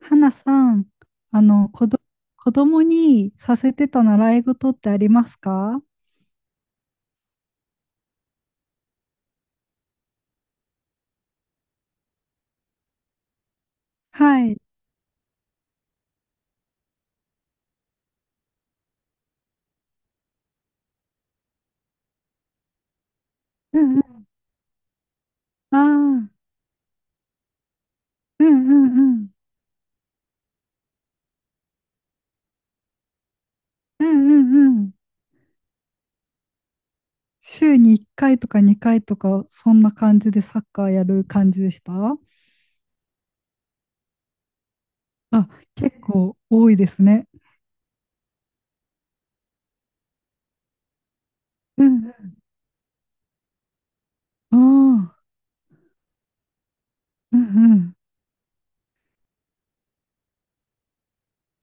花さん、あの、子ど、子供にさせてた習い事ってありますか？はい。うんうん。ああ、うんうんうん。うんうんうん。週に1回とか2回とか、そんな感じでサッカーやる感じでした？あ、結構多いですね。うんうん。ああ、うんうん。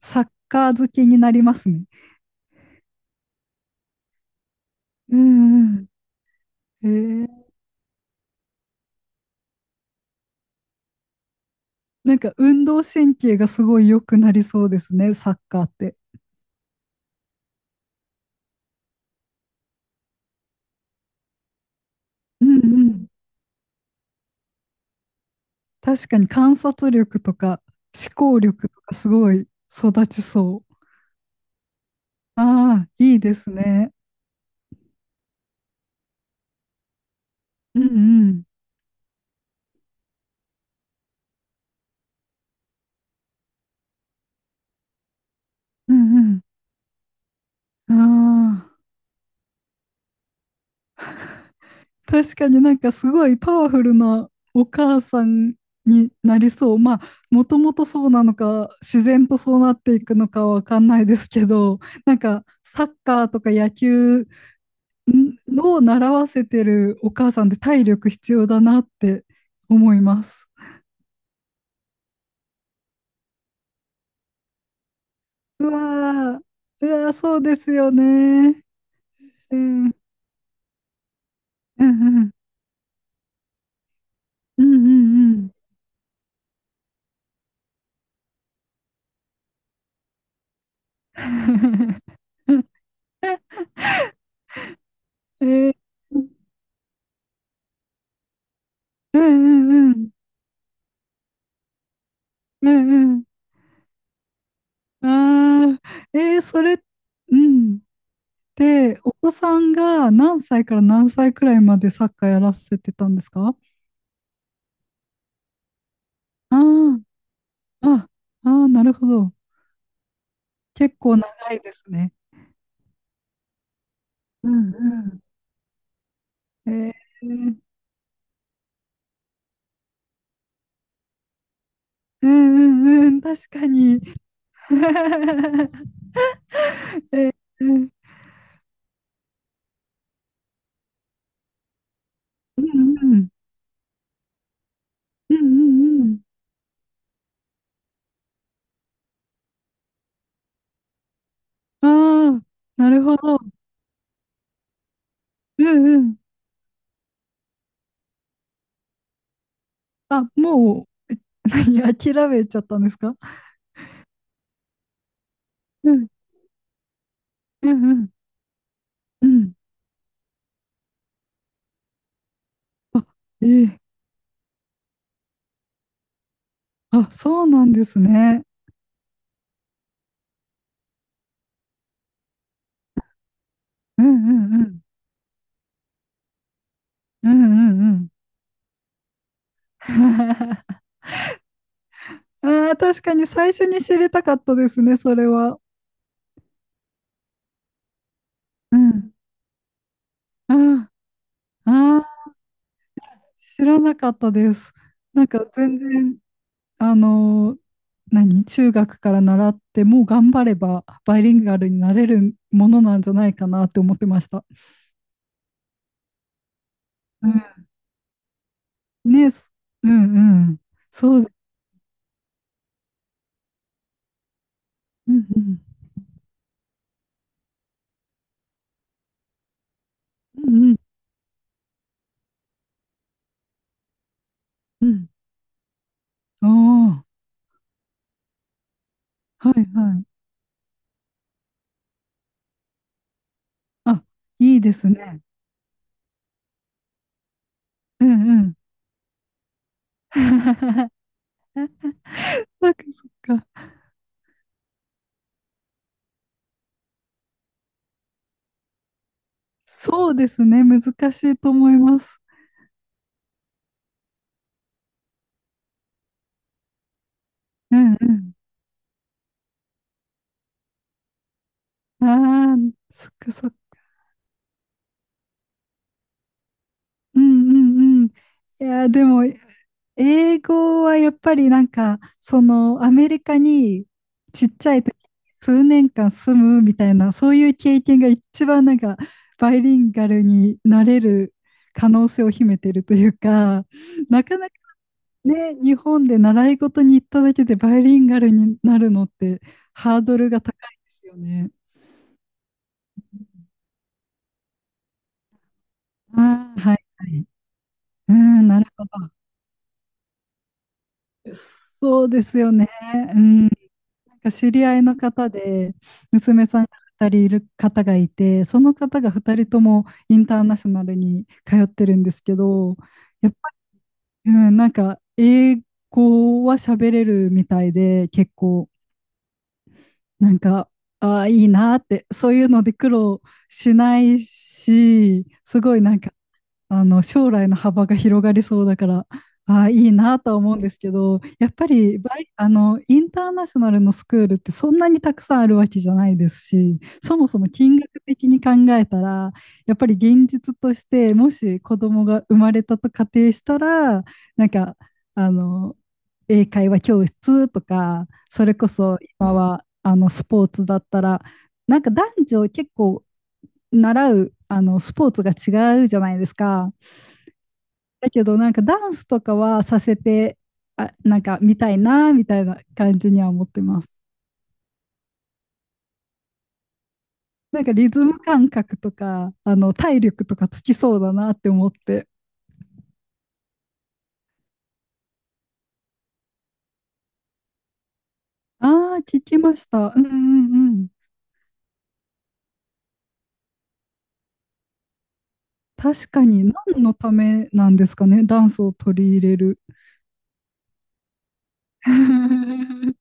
サッカー好きになりますね。うんうん。えー、なんか運動神経がすごい良くなりそうですね、サッカーって。うんうん。確かに観察力とか思考力とかすごい育ちそう。ああ、いいですね。うんうん。うんうん。ああ、確かになんかすごいパワフルなお母さんになりそう。まあ、もともとそうなのか、自然とそうなっていくのかわかんないですけど、なんかサッカーとか野球んを習わせてるお母さんって体力必要だなって思います。うわー、うわー、そうですよね。うん、うん、うん、うん、うん。うんえー、うん、うん、うん、うんうん。ああ、うん。で、お子さんが何歳から何歳くらいまでサッカーやらせてたんですか？あーあ、ああ、なるほど。結構長いですね。うんうん。ー、うんうんうん、確かに。えーうんうん。うんうんうん。ああ、なるほど。うんうん。あ、もう、何、諦めちゃったんですか？うんうんうん。うん。あ、ええあ、そうなんですね。うんうんうん。うんうんうん。ああ、確かに最初に知りたかったですね、それは。うん。ああ、ああ、知らなかったです。なんか全然。あの、何中学から習ってもう頑張ればバイリンガルになれるものなんじゃないかなって思ってました。うんねすうんうん。そう、うんうん。うんうん。うんああ、はいはい。あ、いいですね。うんうん。そっかそっか。そうですね。難しいと思います。うんうん。ああ、そっかそっか。うんうんうん。いやー、でも英語はやっぱりなんか、そのアメリカにちっちゃい時に数年間住むみたいな、そういう経験が一番なんかバイリンガルになれる可能性を秘めてるというか、なかなかね、日本で習い事に行っただけでバイリンガルになるのってハードルが高いですよね。ああ、はい、はい。うん、なるほど。そうですよね。うんなんか知り合いの方で、娘さんが2人いる方がいて、その方が2人ともインターナショナルに通ってるんですけど、やっぱり、うん、なんか英語は喋れるみたいで、結構、なんか、ああ、いいなって、そういうので苦労しないし、すごいなんかあの将来の幅が広がりそうだから、ああ、いいなとは思うんですけど、やっぱりバイ、あの、インターナショナルのスクールってそんなにたくさんあるわけじゃないですし、そもそも金額的に考えたら、やっぱり現実として、もし子供が生まれたと仮定したら、なんか、あの、英会話教室とか、それこそ今は、スポーツだったら、なんか男女結構習う、スポーツが違うじゃないですか。だけど、なんかダンスとかはさせて、あ、なんか見たいな、みたいな感じには思ってます。なんかリズム感覚とか、体力とかつきそうだなって思って。ああ、聞きました。うんうんうん。確かに、何のためなんですかね、ダンスを取り入れる。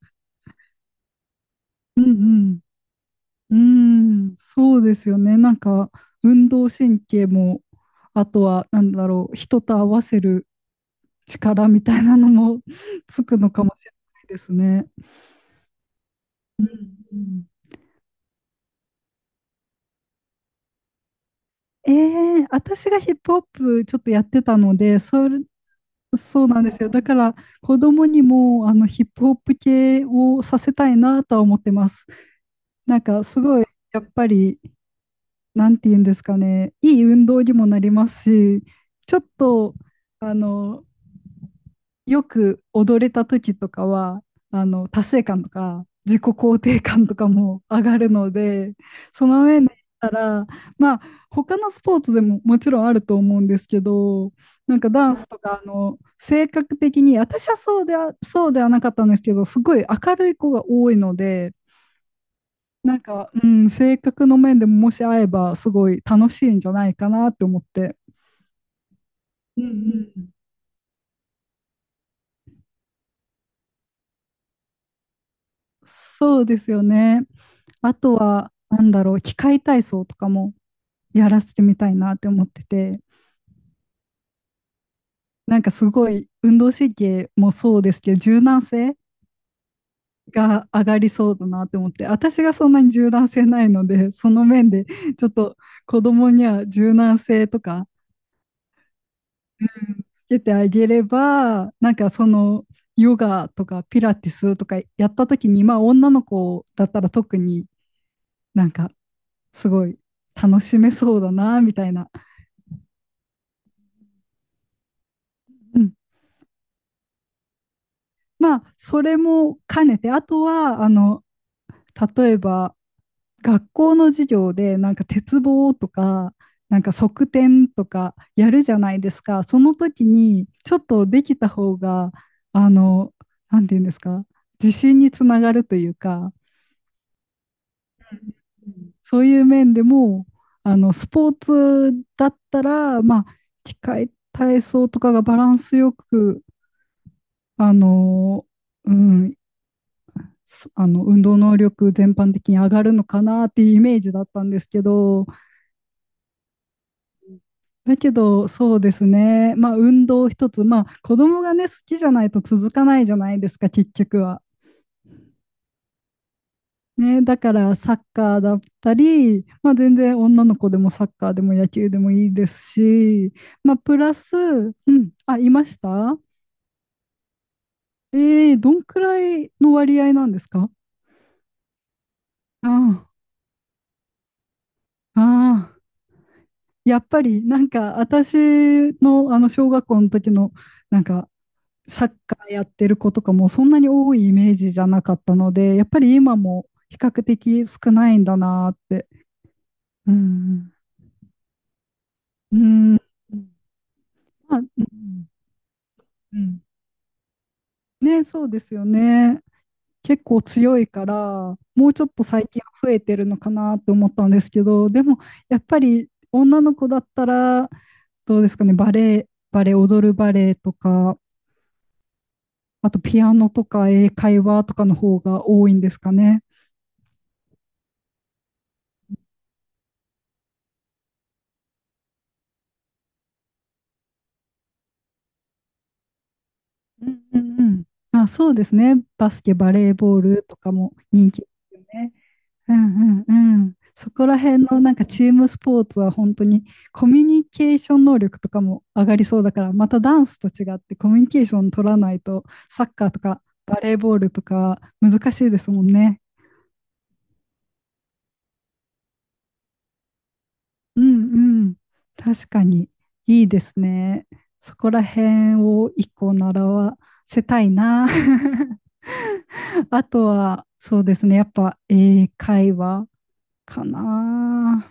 うんうん。うん、そうですよね。なんか、運動神経も、あとは、なんだろう、人と合わせる力みたいなのもつくのかもしれないですね。うんうんえ私がヒップホップちょっとやってたので、そうなんですよ。だから子供にもあのヒップホップ系をさせたいなとは思ってます。なんかすごいやっぱりなんて言うんですかね、いい運動にもなりますし、ちょっとあのよく踊れた時とかは、達成感とか、自己肯定感とかも上がるので、その上で言ったら、まあ、他のスポーツでももちろんあると思うんですけど、なんかダンスとか、性格的に、私はそうではなかったんですけど、すごい明るい子が多いので、なんか、うん、性格の面でももし会えば、すごい楽しいんじゃないかなって思って。うんうん。そうですよね。あとは、なんだろう、器械体操とかもやらせてみたいなって思ってて、なんかすごい運動神経もそうですけど、柔軟性が上がりそうだなって思って、私がそんなに柔軟性ないので、その面でちょっと子供には柔軟性とかつけてあげれば、なんかヨガとかピラティスとかやった時に、まあ女の子だったら特になんかすごい楽しめそうだなみたいな、うん、まあ、それも兼ねて、あとは、例えば、学校の授業で、なんか鉄棒とか、なんか側転とかやるじゃないですか。その時に、ちょっとできた方が、あの、なんていうんですか、自信につながるというか、うんそういう面でも、スポーツだったら、まあ、機械体操とかがバランスよく、あの、うん、あの運動能力全般的に上がるのかなっていうイメージだったんですけど、だけどそうですね、まあ、運動一つ、まあ、子供がね、好きじゃないと続かないじゃないですか、結局は。ね、だからサッカーだったり、まあ、全然女の子でもサッカーでも野球でもいいですし、まあ、プラス、うん、あ、いました。どんくらいの割合なんですか？ああ、ああ。やっぱりなんか私のあの小学校の時のなんかサッカーやってる子とかもそんなに多いイメージじゃなかったので、やっぱり今も比較的少ないんだなって。うん。うん。まあ、うん。うんね、そうですよね。結構強いから、もうちょっと最近は増えてるのかなって思ったんですけど、でもやっぱり女の子だったら、どうですかね、バレエ、踊るバレエとか、あとピアノとか英会話とかの方が多いんですかね？うんうんうん。あ、そうですね。バスケ、バレーボールとかも人気ですよね。うんうんうん。そこら辺のなんかチームスポーツは本当にコミュニケーション能力とかも上がりそうだから、またダンスと違ってコミュニケーション取らないとサッカーとかバレーボールとか難しいですもんね。うんうん。確かに、いいですね。そこら辺を一個習わせたいな。あとは、そうですね。やっぱ英会話かな。